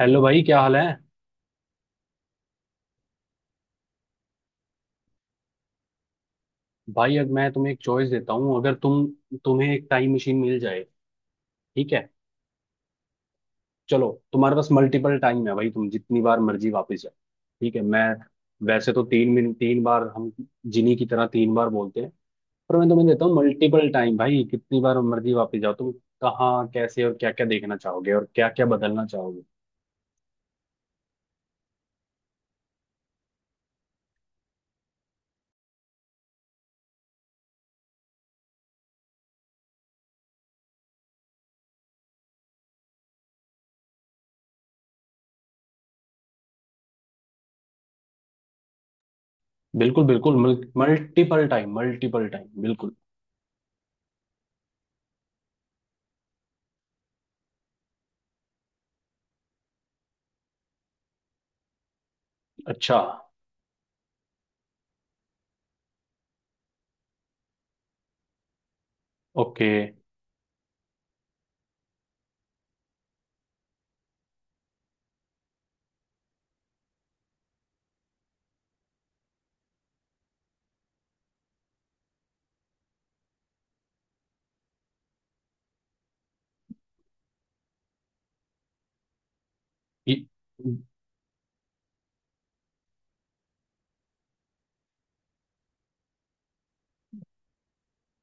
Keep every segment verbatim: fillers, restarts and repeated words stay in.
Hello भाई, क्या हाल है? भाई, अब मैं तुम्हें एक चॉइस देता हूँ। अगर तुम तुम्हें एक टाइम मशीन मिल जाए, ठीक है? चलो, तुम्हारे पास मल्टीपल टाइम है भाई, तुम जितनी बार मर्जी वापस जाओ। ठीक है, मैं वैसे तो तीन मिनट तीन बार, हम जिनी की तरह तीन बार बोलते हैं, पर मैं तुम्हें देता हूँ मल्टीपल टाइम। भाई, कितनी बार मर्जी वापस जाओ तुम। कहाँ, कैसे और क्या क्या देखना चाहोगे, और क्या क्या बदलना चाहोगे? बिल्कुल, बिल्कुल। मल्टीपल टाइम, मल्टीपल टाइम, बिल्कुल। अच्छा। ओके।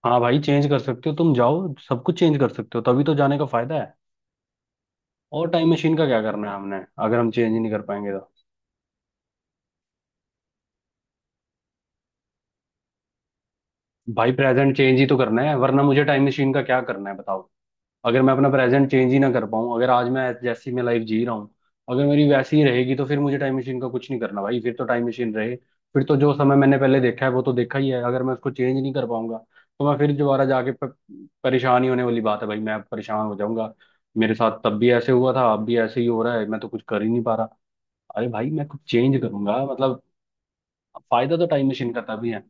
हाँ भाई, चेंज कर सकते हो, तुम जाओ, सब कुछ चेंज कर सकते हो, तभी तो जाने का फायदा है। और टाइम मशीन का क्या करना है हमने, अगर हम चेंज ही नहीं कर पाएंगे तो। भाई, प्रेजेंट चेंज ही तो करना है, वरना मुझे टाइम मशीन का क्या करना है, बताओ। अगर मैं अपना प्रेजेंट चेंज ही ना कर पाऊँ, अगर आज मैं जैसी मैं लाइफ जी रहा हूँ, अगर मेरी वैसी ही रहेगी, तो फिर मुझे टाइम मशीन का कुछ नहीं करना भाई। फिर तो टाइम मशीन रहे, फिर तो जो समय मैंने पहले देखा है वो तो देखा ही है। अगर मैं उसको चेंज नहीं कर पाऊंगा, तो मैं फिर दोबारा जाके प- परेशान ही होने वाली बात है भाई, मैं परेशान हो जाऊंगा। मेरे साथ तब भी ऐसे हुआ था, अब भी ऐसे ही हो रहा है, मैं तो कुछ कर ही नहीं पा रहा। अरे भाई, मैं कुछ चेंज करूंगा मतलब, फायदा तो टाइम मशीन का तभी है।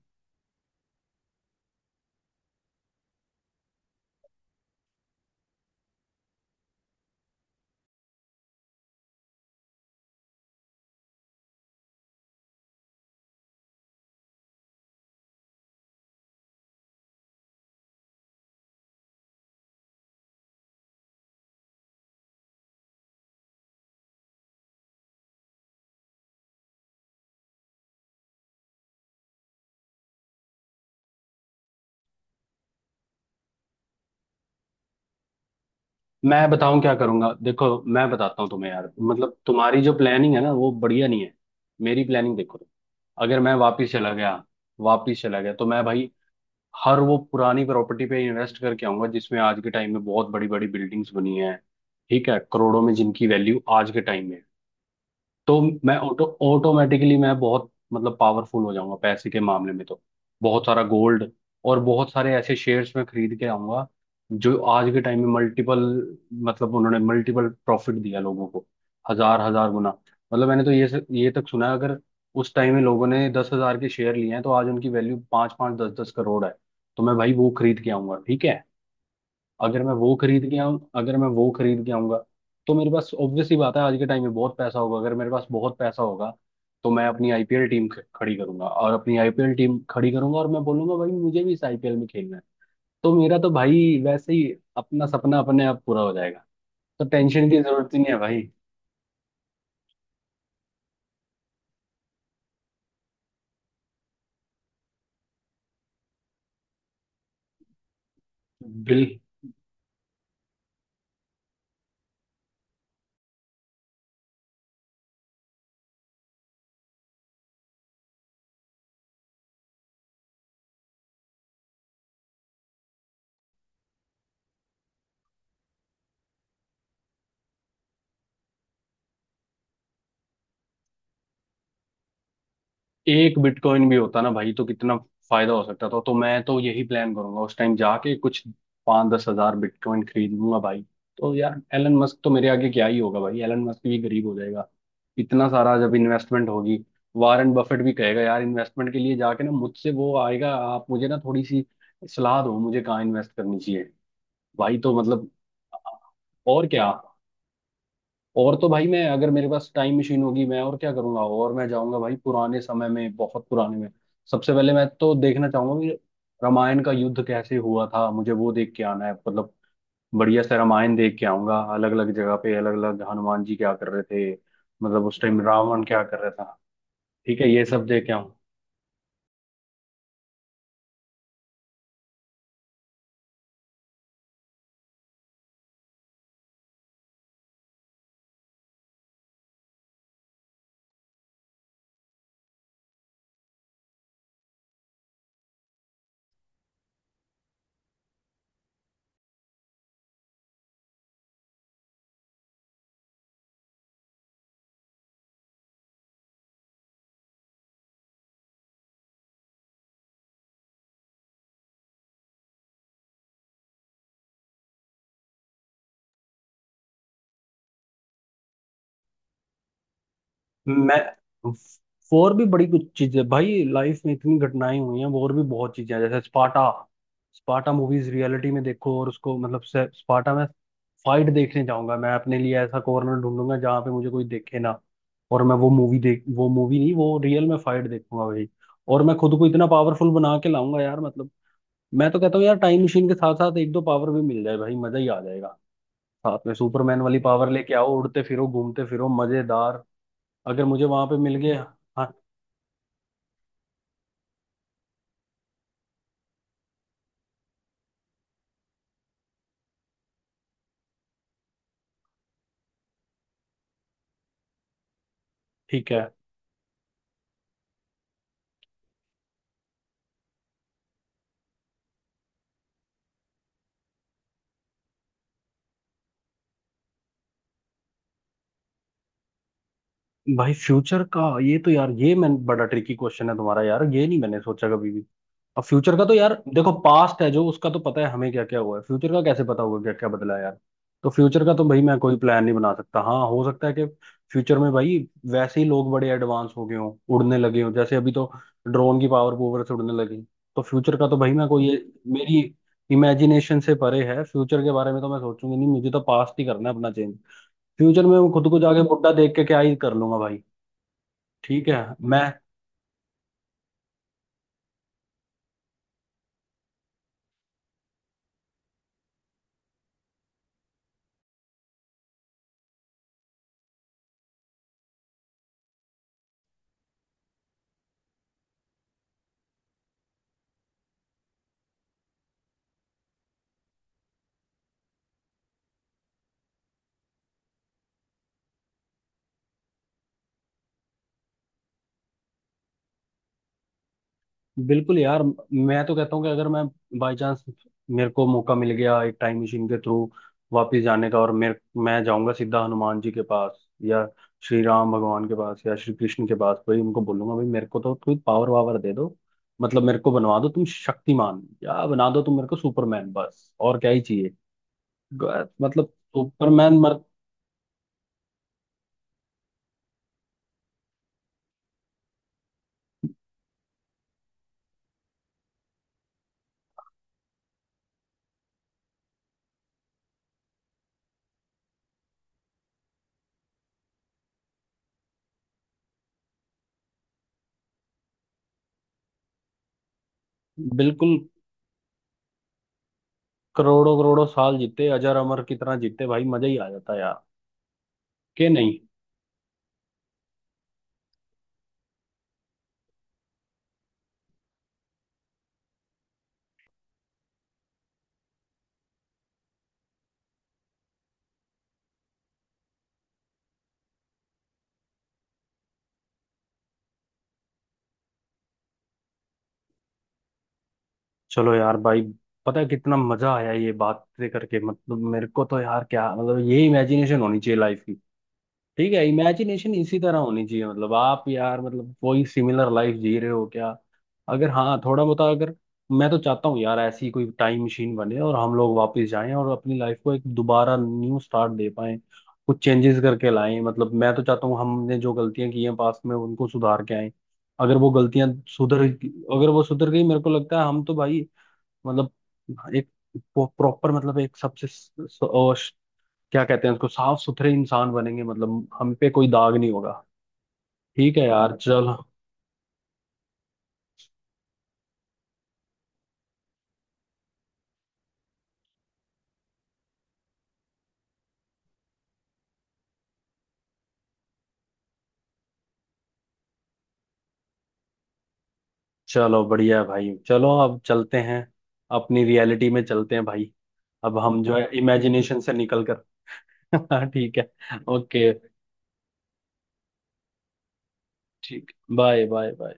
मैं बताऊं क्या करूंगा, देखो, मैं बताता हूँ तुम्हें यार। मतलब तुम्हारी जो प्लानिंग है ना, वो बढ़िया नहीं है। मेरी प्लानिंग देखो। अगर मैं वापिस चला गया, वापिस चला गया तो मैं भाई हर वो पुरानी प्रॉपर्टी पे इन्वेस्ट करके आऊंगा, जिसमें आज के टाइम में बहुत बड़ी बड़ी बिल्डिंग्स बनी हैं। ठीक है, करोड़ों में जिनकी वैल्यू आज के टाइम में है। तो मैं ऑटो ऑटोमेटिकली मैं बहुत मतलब पावरफुल हो जाऊंगा पैसे के मामले में। तो बहुत सारा गोल्ड और बहुत सारे ऐसे शेयर्स में खरीद के आऊंगा, जो आज के टाइम में मल्टीपल, मतलब उन्होंने मल्टीपल प्रॉफिट दिया लोगों को, हजार हजार गुना। मतलब मैंने तो ये से- ये तक सुना है, अगर उस टाइम में लोगों ने दस हजार के शेयर लिए हैं, तो आज उनकी वैल्यू पाँच पाँच दस दस करोड़ है। तो मैं भाई वो खरीद के आऊंगा, ठीक है। अगर मैं वो खरीद के आऊँ अगर मैं वो खरीद के आऊंगा, तो मेरे पास ऑब्वियस सी बात है, आज के टाइम में बहुत पैसा होगा। अगर मेरे पास बहुत पैसा होगा, तो मैं अपनी आई पी एल टीम ख- खड़ी करूंगा, और अपनी आई पी एल टीम खड़ी करूंगा, और मैं बोलूंगा भाई मुझे भी इस आई पी एल में खेलना है। तो मेरा तो भाई वैसे ही अपना सपना अपने आप पूरा हो जाएगा। तो टेंशन की जरूरत ही नहीं है भाई। बिल एक बिटकॉइन भी होता ना भाई, तो कितना फायदा हो सकता था। तो मैं तो यही प्लान करूंगा, उस टाइम जाके कुछ पाँच दस हजार बिटकॉइन खरीद लूंगा भाई। तो यार, एलन मस्क तो मेरे आगे क्या ही होगा भाई, एलन मस्क भी गरीब हो जाएगा, इतना सारा जब इन्वेस्टमेंट होगी। वारेन बफेट भी कहेगा यार इन्वेस्टमेंट के लिए जाके, ना मुझसे वो आएगा, आप मुझे ना थोड़ी सी सलाह दो, मुझे कहाँ इन्वेस्ट करनी चाहिए भाई। तो मतलब और क्या। और तो भाई, मैं अगर मेरे पास टाइम मशीन होगी, मैं और क्या करूंगा, और मैं जाऊंगा भाई पुराने समय में, बहुत पुराने में। सबसे पहले मैं तो देखना चाहूंगा कि रामायण का युद्ध कैसे हुआ था, मुझे वो देख के आना है। मतलब बढ़िया से रामायण देख के आऊंगा, अलग अलग जगह पे अलग अलग हनुमान जी क्या कर रहे थे, मतलब उस टाइम रावण क्या कर रहा था। ठीक है, ये सब देख के आऊंगा। मैं और भी बड़ी कुछ चीजें, भाई लाइफ में इतनी घटनाएं हुई हैं, और भी बहुत चीजें हैं, जैसे स्पाटा। स्पाटा मूवीज रियलिटी में देखो, और उसको मतलब से- स्पाटा में फाइट देखने जाऊंगा। मैं अपने लिए ऐसा कॉर्नर ढूंढूंगा जहां पे मुझे कोई देखे ना, और मैं वो मूवी देख, वो मूवी नहीं, वो रियल में फाइट देखूंगा भाई। और मैं खुद को इतना पावरफुल बना के लाऊंगा यार, मतलब मैं तो कहता हूँ यार टाइम मशीन के साथ साथ एक दो पावर भी मिल जाए भाई, मजा ही आ जाएगा। साथ में सुपरमैन वाली पावर लेके आओ, उड़ते फिरो, घूमते फिरो, मजेदार, अगर मुझे वहां पे मिल गया। हाँ। ठीक है भाई, फ्यूचर का, ये तो यार, ये मैं, बड़ा ट्रिकी क्वेश्चन है तुम्हारा यार, ये नहीं मैंने सोचा कभी भी। अब फ्यूचर का तो यार देखो, पास्ट है जो, उसका तो पता है हमें क्या क्या हुआ है, फ्यूचर का कैसे पता होगा क्या क्या बदला है यार। तो फ्यूचर का तो भाई मैं कोई प्लान नहीं बना सकता। हाँ, हो सकता है कि फ्यूचर में भाई वैसे ही लोग बड़े एडवांस हो गए हों, उड़ने लगे हों, जैसे अभी तो ड्रोन की पावर पूवर से उड़ने लगी। तो फ्यूचर का तो भाई मैं कोई ये मेरी इमेजिनेशन से परे है, फ्यूचर के बारे में तो मैं सोचूंगी नहीं, मुझे तो पास्ट ही करना है अपना चेंज। फ्यूचर में मैं खुद को जाके बुढ़ा देख के क्या ही कर लूंगा भाई। ठीक है। मैं, बिल्कुल यार, मैं तो कहता हूँ कि अगर मैं बाई चांस, मेरे को मौका मिल गया एक टाइम मशीन के थ्रू वापस जाने का, और मेरे मैं जाऊंगा सीधा हनुमान जी के पास, या श्री राम भगवान के पास, या श्री कृष्ण के पास, भाई उनको बोलूंगा भाई मेरे को तो कोई पावर वावर दे दो। मतलब मेरे को बनवा दो तुम शक्तिमान, या बना दो तुम मेरे को सुपरमैन, बस और क्या ही चाहिए। ग- मतलब सुपरमैन, मर, बिल्कुल, करोड़ों करोड़ों साल जीते, अजर अमर की तरह जीते भाई, मजा ही आ जाता यार, के नहीं। चलो यार भाई, पता है कितना मजा आया ये बात करके, मतलब मेरे को तो यार, क्या मतलब, ये इमेजिनेशन होनी चाहिए लाइफ की। ठीक है, इमेजिनेशन इसी तरह होनी चाहिए। मतलब आप यार, मतलब कोई सिमिलर लाइफ जी रहे हो क्या? अगर हाँ, थोड़ा बहुत। अगर मैं तो चाहता हूँ यार ऐसी कोई टाइम मशीन बने, और हम लोग वापस जाएं और अपनी लाइफ को एक दोबारा न्यू स्टार्ट दे पाएं, कुछ चेंजेस करके लाएं। मतलब मैं तो चाहता हूँ हमने जो गलतियां की हैं पास्ट में, उनको सुधार के आएं। अगर वो गलतियां सुधर अगर वो सुधर गई, मेरे को लगता है हम तो भाई मतलब एक प्रॉपर, मतलब एक सबसे, क्या कहते हैं उसको, साफ सुथरे इंसान बनेंगे, मतलब हम पे कोई दाग नहीं होगा। ठीक है यार, चलो। चलो बढ़िया है भाई, चलो अब चलते हैं, अपनी रियलिटी में चलते हैं भाई, अब हम जो है इमेजिनेशन से निकल कर। ठीक है। ओके, ठीक, बाय बाय बाय।